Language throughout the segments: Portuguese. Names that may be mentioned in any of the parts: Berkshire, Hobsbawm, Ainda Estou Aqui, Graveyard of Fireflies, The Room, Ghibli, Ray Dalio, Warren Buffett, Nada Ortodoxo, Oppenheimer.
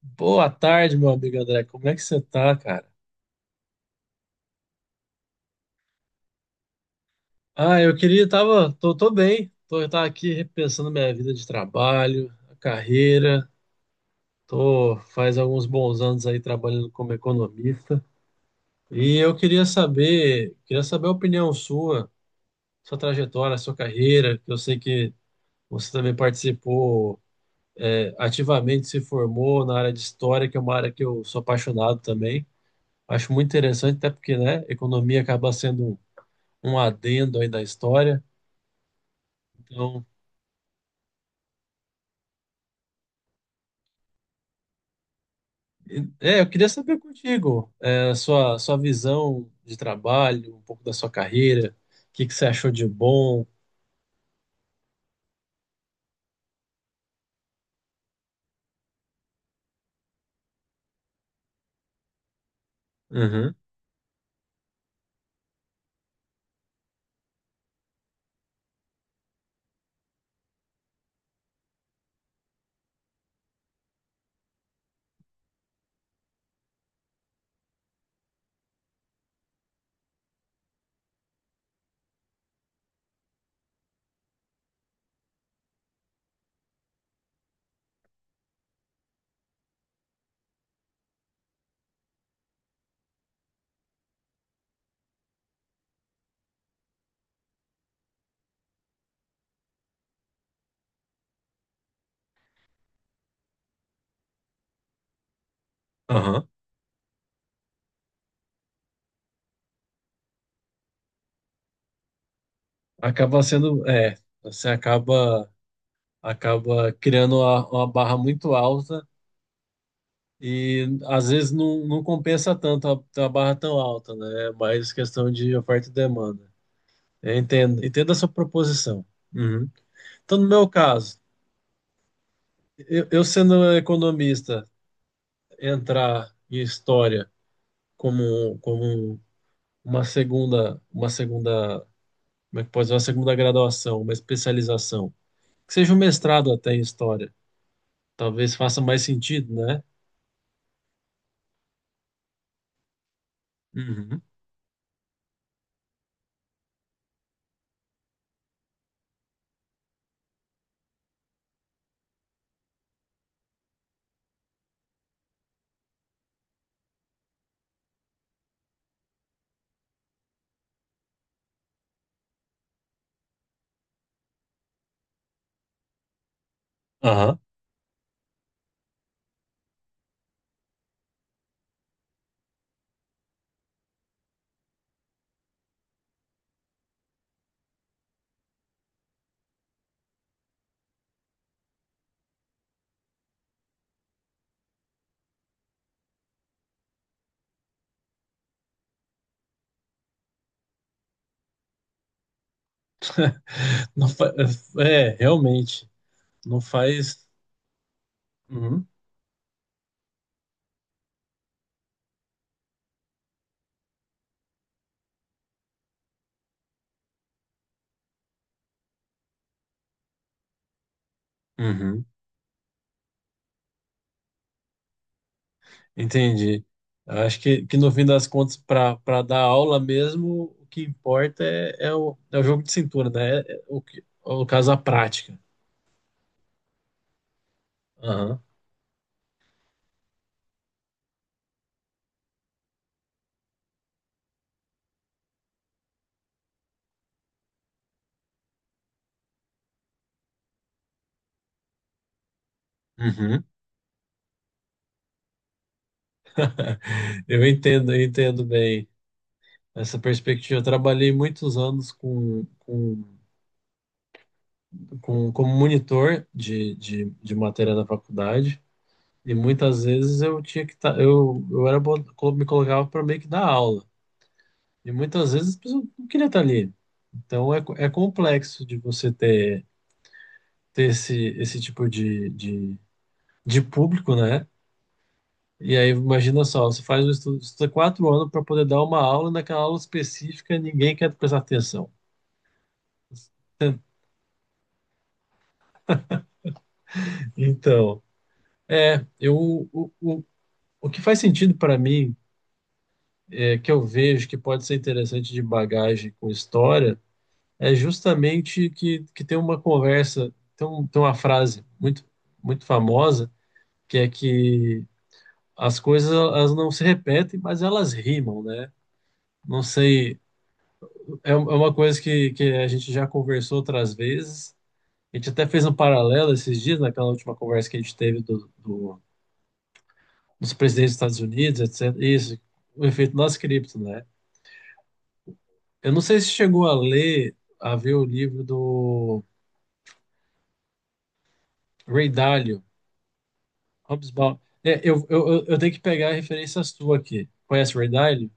Boa tarde, meu amigo André. Como é que você tá, cara? Ah, eu queria, tava, tô, Tô bem. Eu tava aqui repensando minha vida de trabalho, a carreira. Tô faz alguns bons anos aí trabalhando como economista. E eu queria saber a opinião sua, sua trajetória, sua carreira, que eu sei que você também participou, ativamente se formou na área de história, que é uma área que eu sou apaixonado também. Acho muito interessante, até porque, né, economia acaba sendo um adendo aí da história. Então, é, eu queria saber contigo, é, a sua, sua visão de trabalho, um pouco da sua carreira, o que que você achou de bom. Uhum, aham. Acaba sendo, é, você acaba, acaba criando uma barra muito alta e às vezes não, não compensa tanto a, ter uma barra tão alta, né? É mais questão de oferta e demanda. Eu entendo, entendo a sua proposição. Uhum. Então, no meu caso, eu sendo economista, entrar em história como, como uma segunda, como é que pode dizer, uma segunda graduação, uma especialização, que seja um mestrado até em história, talvez faça mais sentido, né? Uhum. Aham. Não fa- É, realmente, não faz. Uhum. Uhum. Entendi. Acho que no fim das contas, para para dar aula mesmo, o que importa é, é, o, é o jogo de cintura, né? É, é o, que- é o caso, a prática. Aham. Uhum. Eu entendo bem essa perspectiva. Eu trabalhei muitos anos como monitor de matéria da faculdade e muitas vezes eu tinha que estar, eu era, bo- co- me colocava para meio que dar aula e muitas vezes eu não queria estar ali. Então é, co- é complexo de você ter, ter esse, esse tipo de público, né? E aí, imagina só, você faz um estudo, estuda 4 anos para poder dar uma aula, e naquela aula específica ninguém quer prestar atenção. Então, é, eu, o, o, o que faz sentido para mim, é, que eu vejo que pode ser interessante de bagagem com história, é justamente que tem uma conversa, tem, um- tem uma frase muito, muito famosa, que é que as coisas elas não se repetem, mas elas rimam, né? Não sei, é, um- é uma coisa que a gente já conversou outras vezes, a gente até fez um paralelo esses dias, naquela última conversa que a gente teve do dos presidentes dos Estados Unidos, etc. Isso, o efeito das cripto, né? Eu não sei se chegou a ler, a ver o livro do Ray Dalio, Hobsbawm. É, eu eu tenho que pegar a referência sua aqui. Conhece o Ray Dalio?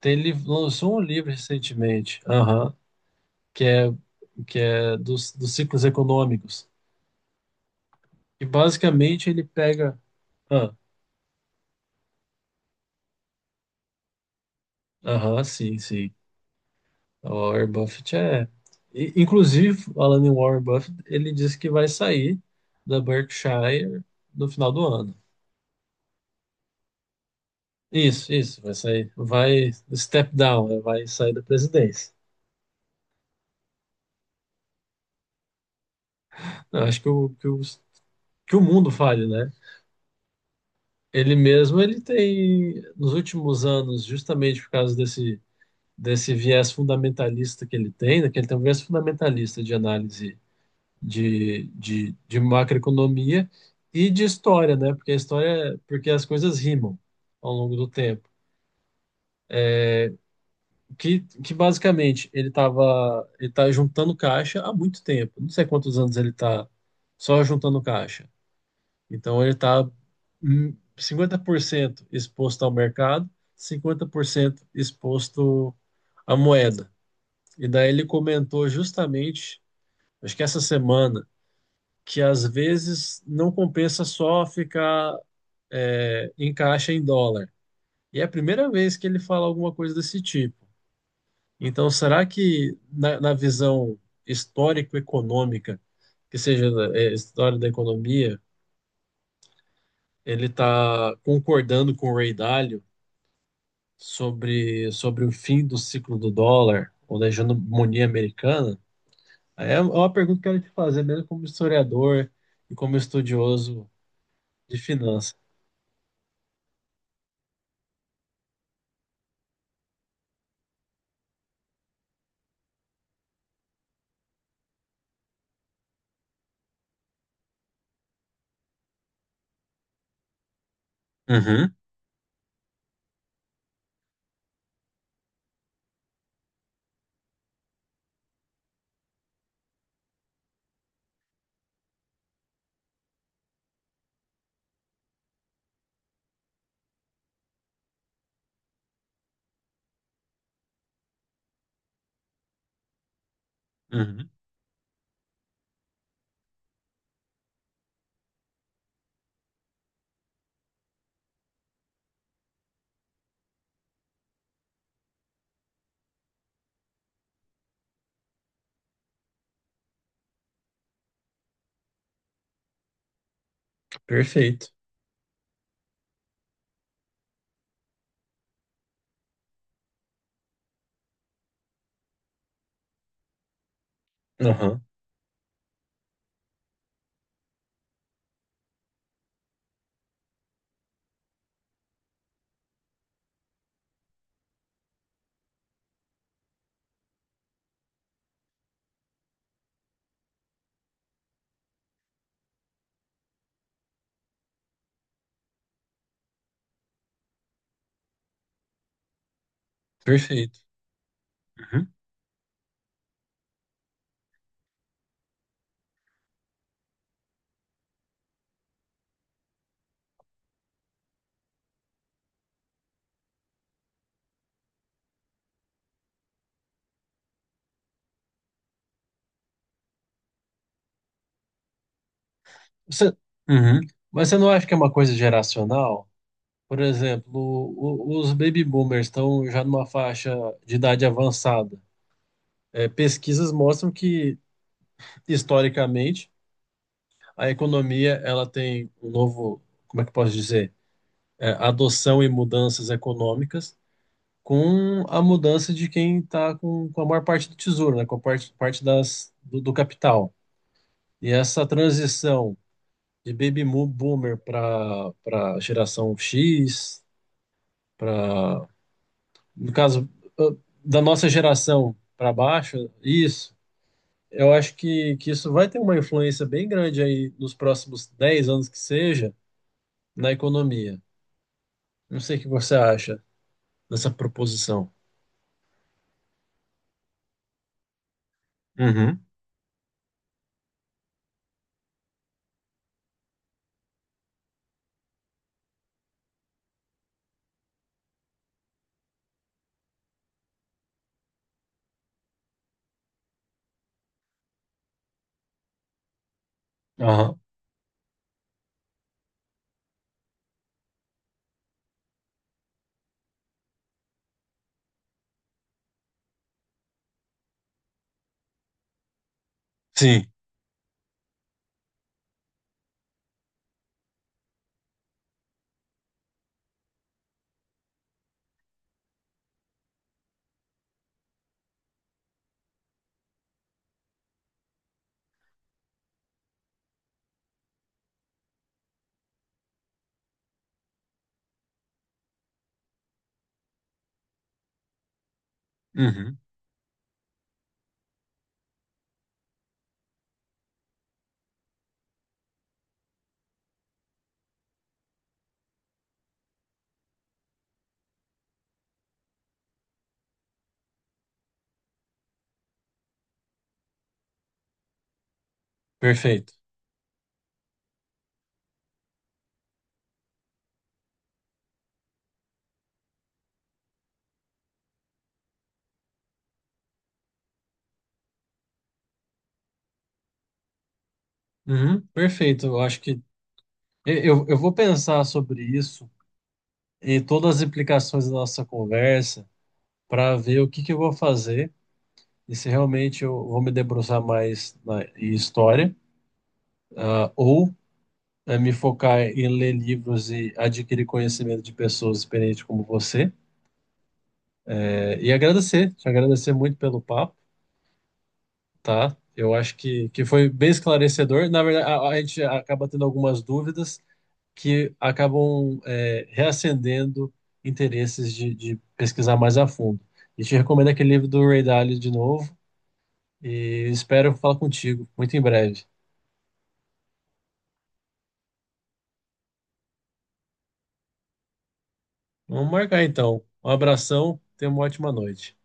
Tem, ele lançou um livro recentemente, aham, que é, que é dos, dos ciclos econômicos. E basicamente ele pega. Ah, aham, sim, sim. O Warren Buffett é. I- Inclusive, falando em Warren Buffett, ele disse que vai sair da Berkshire no final do ano. Isso, vai sair. Vai step down, é, vai sair da presidência. Eu acho que o, que o, que o mundo fale, né? Ele mesmo, ele tem, nos últimos anos, justamente por causa desse, desse viés fundamentalista que ele tem, né? Que ele tem um viés fundamentalista de análise de macroeconomia e de história, né? Porque a história, porque as coisas rimam ao longo do tempo. Que basicamente ele estava ele tá juntando caixa há muito tempo. Não sei quantos anos ele está só juntando caixa. Então ele está 50% exposto ao mercado, 50% exposto à moeda. E daí ele comentou justamente, acho que essa semana, que às vezes não compensa só ficar é, encaixa em dólar. E é a primeira vez que ele fala alguma coisa desse tipo. Então, será que na, na visão histórico-econômica, que seja é, história da economia, ele está concordando com o Ray Dalio sobre, sobre o fim do ciclo do dólar ou da hegemonia americana? É é uma pergunta que eu quero te fazer, mesmo como historiador e como estudioso de finanças. Uhum, uhum. Perfeito. Uhum, perfeito. Você, uhum, mas você não acha que é uma coisa geracional? Por exemplo, o- os baby boomers estão já numa faixa de idade avançada. É, pesquisas mostram que, historicamente, a economia ela tem um novo, como é que eu posso dizer? É, adoção e mudanças econômicas com a mudança de quem está com a maior parte do tesouro, né? Com a parte, parte das, do, do capital. E essa transição de baby mo- boomer para geração X para, no caso, ah, da nossa geração para baixo, isso, eu acho que isso vai ter uma influência bem grande aí nos próximos 10 anos que seja na economia. Não sei o que você acha dessa proposição. Uhum. Aham. Sim. Uhum. Perfeito. Uhum, perfeito. Eu acho que eu vou pensar sobre isso e todas as implicações da nossa conversa para ver o que que eu vou fazer e se realmente eu vou me debruçar mais na em história ah, ou é, me focar em ler livros e adquirir conhecimento de pessoas experientes como você. É, e agradecer, te agradecer muito pelo papo, tá? Eu acho que foi bem esclarecedor. Na verdade, a gente acaba tendo algumas dúvidas que acabam é, reacendendo interesses de pesquisar mais a fundo. E te recomendo aquele livro do Ray Dalio de novo e espero falar contigo muito em breve. Vamos marcar então. Um abração, tenha uma ótima noite.